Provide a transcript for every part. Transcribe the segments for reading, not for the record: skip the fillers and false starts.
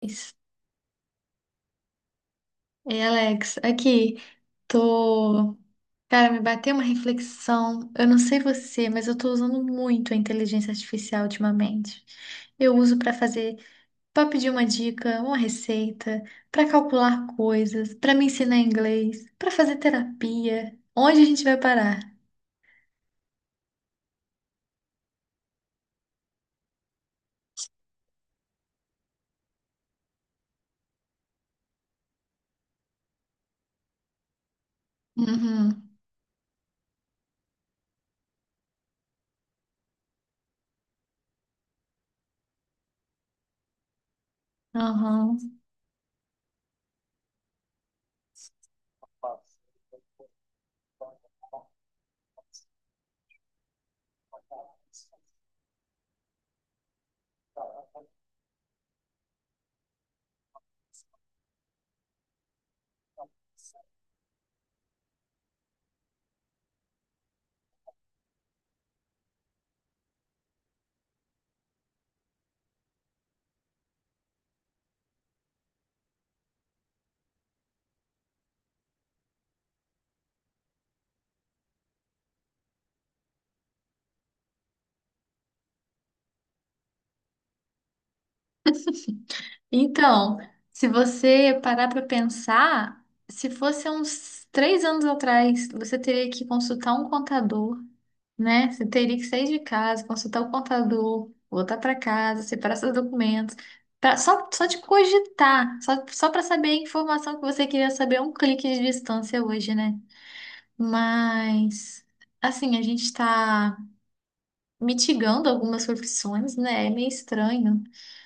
Ei, Alex, aqui tô. Cara, me bateu uma reflexão. Eu não sei você, mas eu tô usando muito a inteligência artificial ultimamente. Eu uso pra pedir uma dica, uma receita, pra calcular coisas, pra me ensinar inglês, pra fazer terapia. Onde a gente vai parar? Uhum. Uhum. Então, se você parar para pensar, se fosse há uns três anos atrás, você teria que consultar um contador, né? Você teria que sair de casa, consultar o contador, voltar para casa, separar seus documentos. Só de cogitar, só para saber a informação que você queria saber a um clique de distância hoje, né? Mas, assim, a gente está mitigando algumas profissões, né? É meio estranho.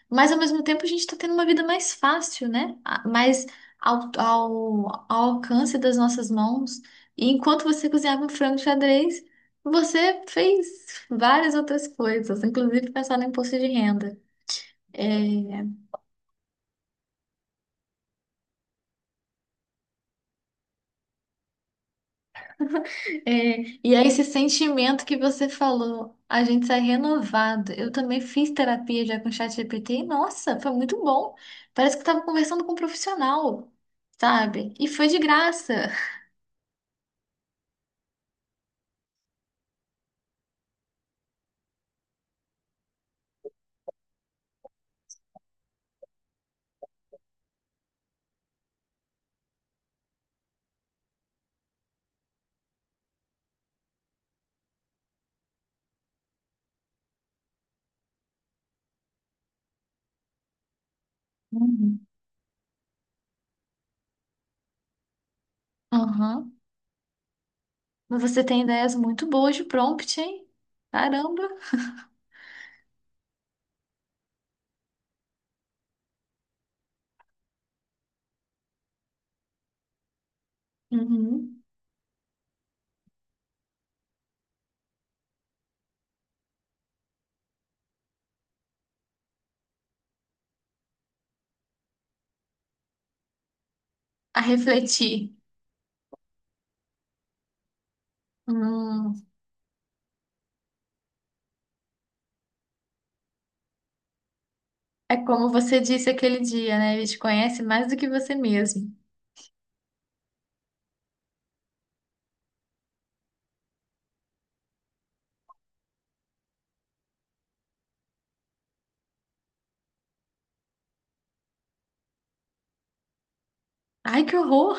Mas ao mesmo tempo a gente está tendo uma vida mais fácil, né? Mais ao alcance das nossas mãos. E enquanto você cozinhava um frango xadrez, você fez várias outras coisas, inclusive pensar no imposto de renda. É. É. E é esse sentimento que você falou, a gente sai renovado. Eu também fiz terapia já com o ChatGPT e, nossa, foi muito bom. Parece que estava conversando com um profissional, sabe? E foi de graça. Uhum. Aham. Mas você tem ideias muito boas de prompt, hein? Caramba. Uhum. A refletir. Hum. É como você disse aquele dia, né? Ele te conhece mais do que você mesmo. Ai, que horror!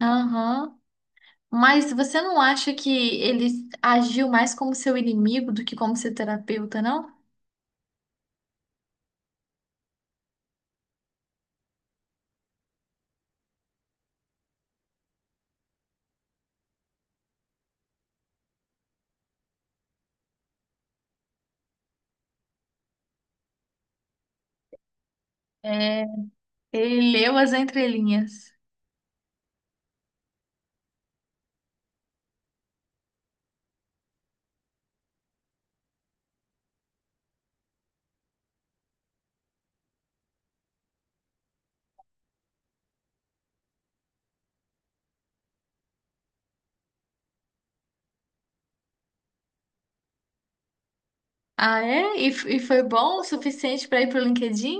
Aham. Mas você não acha que ele agiu mais como seu inimigo do que como seu terapeuta, não? É, ele leu as entrelinhas. Ah, é? E foi bom o suficiente para ir pro LinkedIn?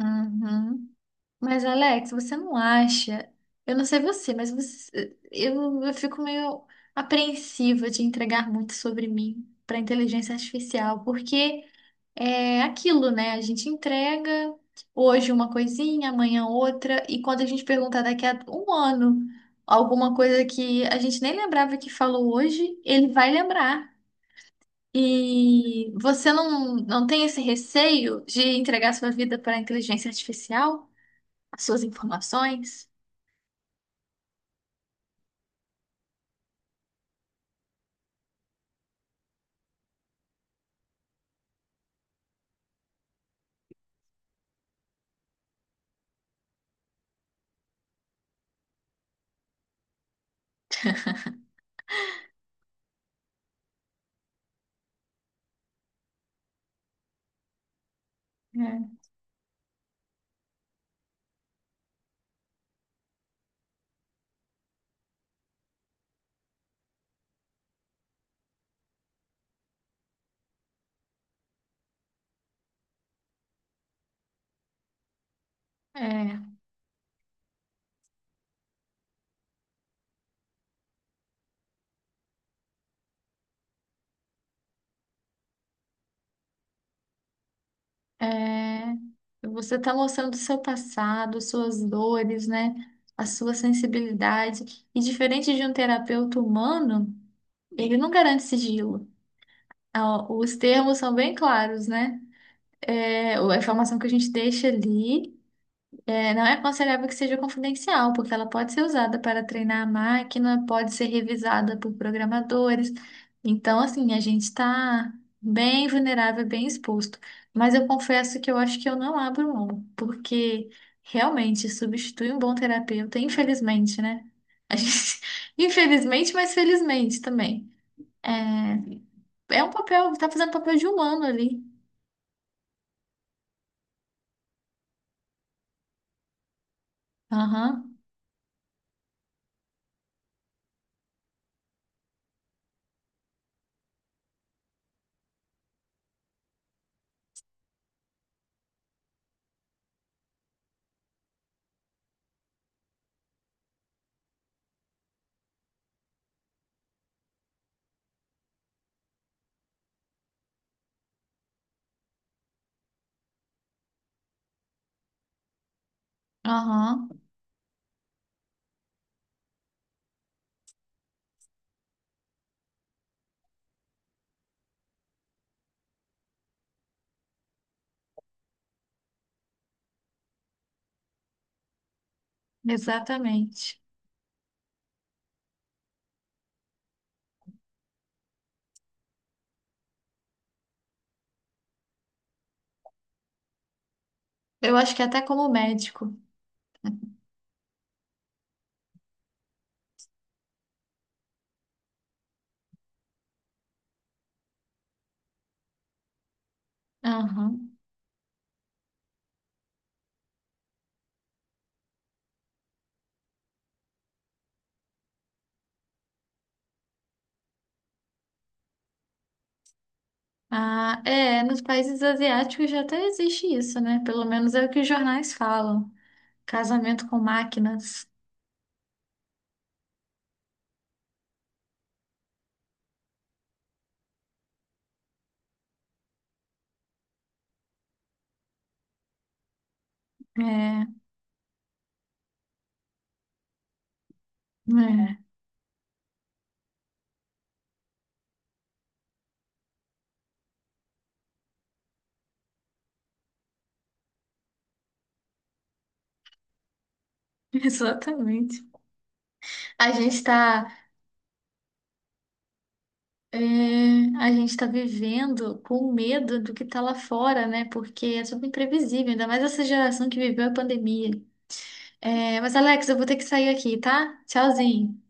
Uhum. Mas, Alex, você não acha? Eu não sei você, mas eu fico meio apreensiva de entregar muito sobre mim para inteligência artificial, porque é aquilo, né? A gente entrega hoje uma coisinha, amanhã outra, e quando a gente perguntar daqui a um ano alguma coisa que a gente nem lembrava que falou hoje, ele vai lembrar. E você não tem esse receio de entregar sua vida para a inteligência artificial, as suas informações? É, é, é. Você está mostrando o seu passado, suas dores, né? A sua sensibilidade. E diferente de um terapeuta humano, ele não garante sigilo. Ah, os termos são bem claros, né? É, a informação que a gente deixa ali é, não é aconselhável que seja confidencial, porque ela pode ser usada para treinar a máquina, pode ser revisada por programadores. Então, assim, a gente está bem vulnerável, bem exposto. Mas eu confesso que eu acho que eu não abro mão, porque realmente substitui um bom terapeuta, infelizmente, né? A gente- Infelizmente, mas felizmente também. É, é um papel, tá fazendo papel de humano ali. Aham, aham, exatamente. Eu acho que até como médico. Aham. Ah, é, nos países asiáticos já até existe isso, né? Pelo menos é o que os jornais falam. Casamento com máquinas. É, é, exatamente. A gente tá, é, a gente tá vivendo com medo do que tá lá fora, né? Porque é tudo imprevisível, ainda mais essa geração que viveu a pandemia. É, mas, Alex, eu vou ter que sair aqui, tá? Tchauzinho.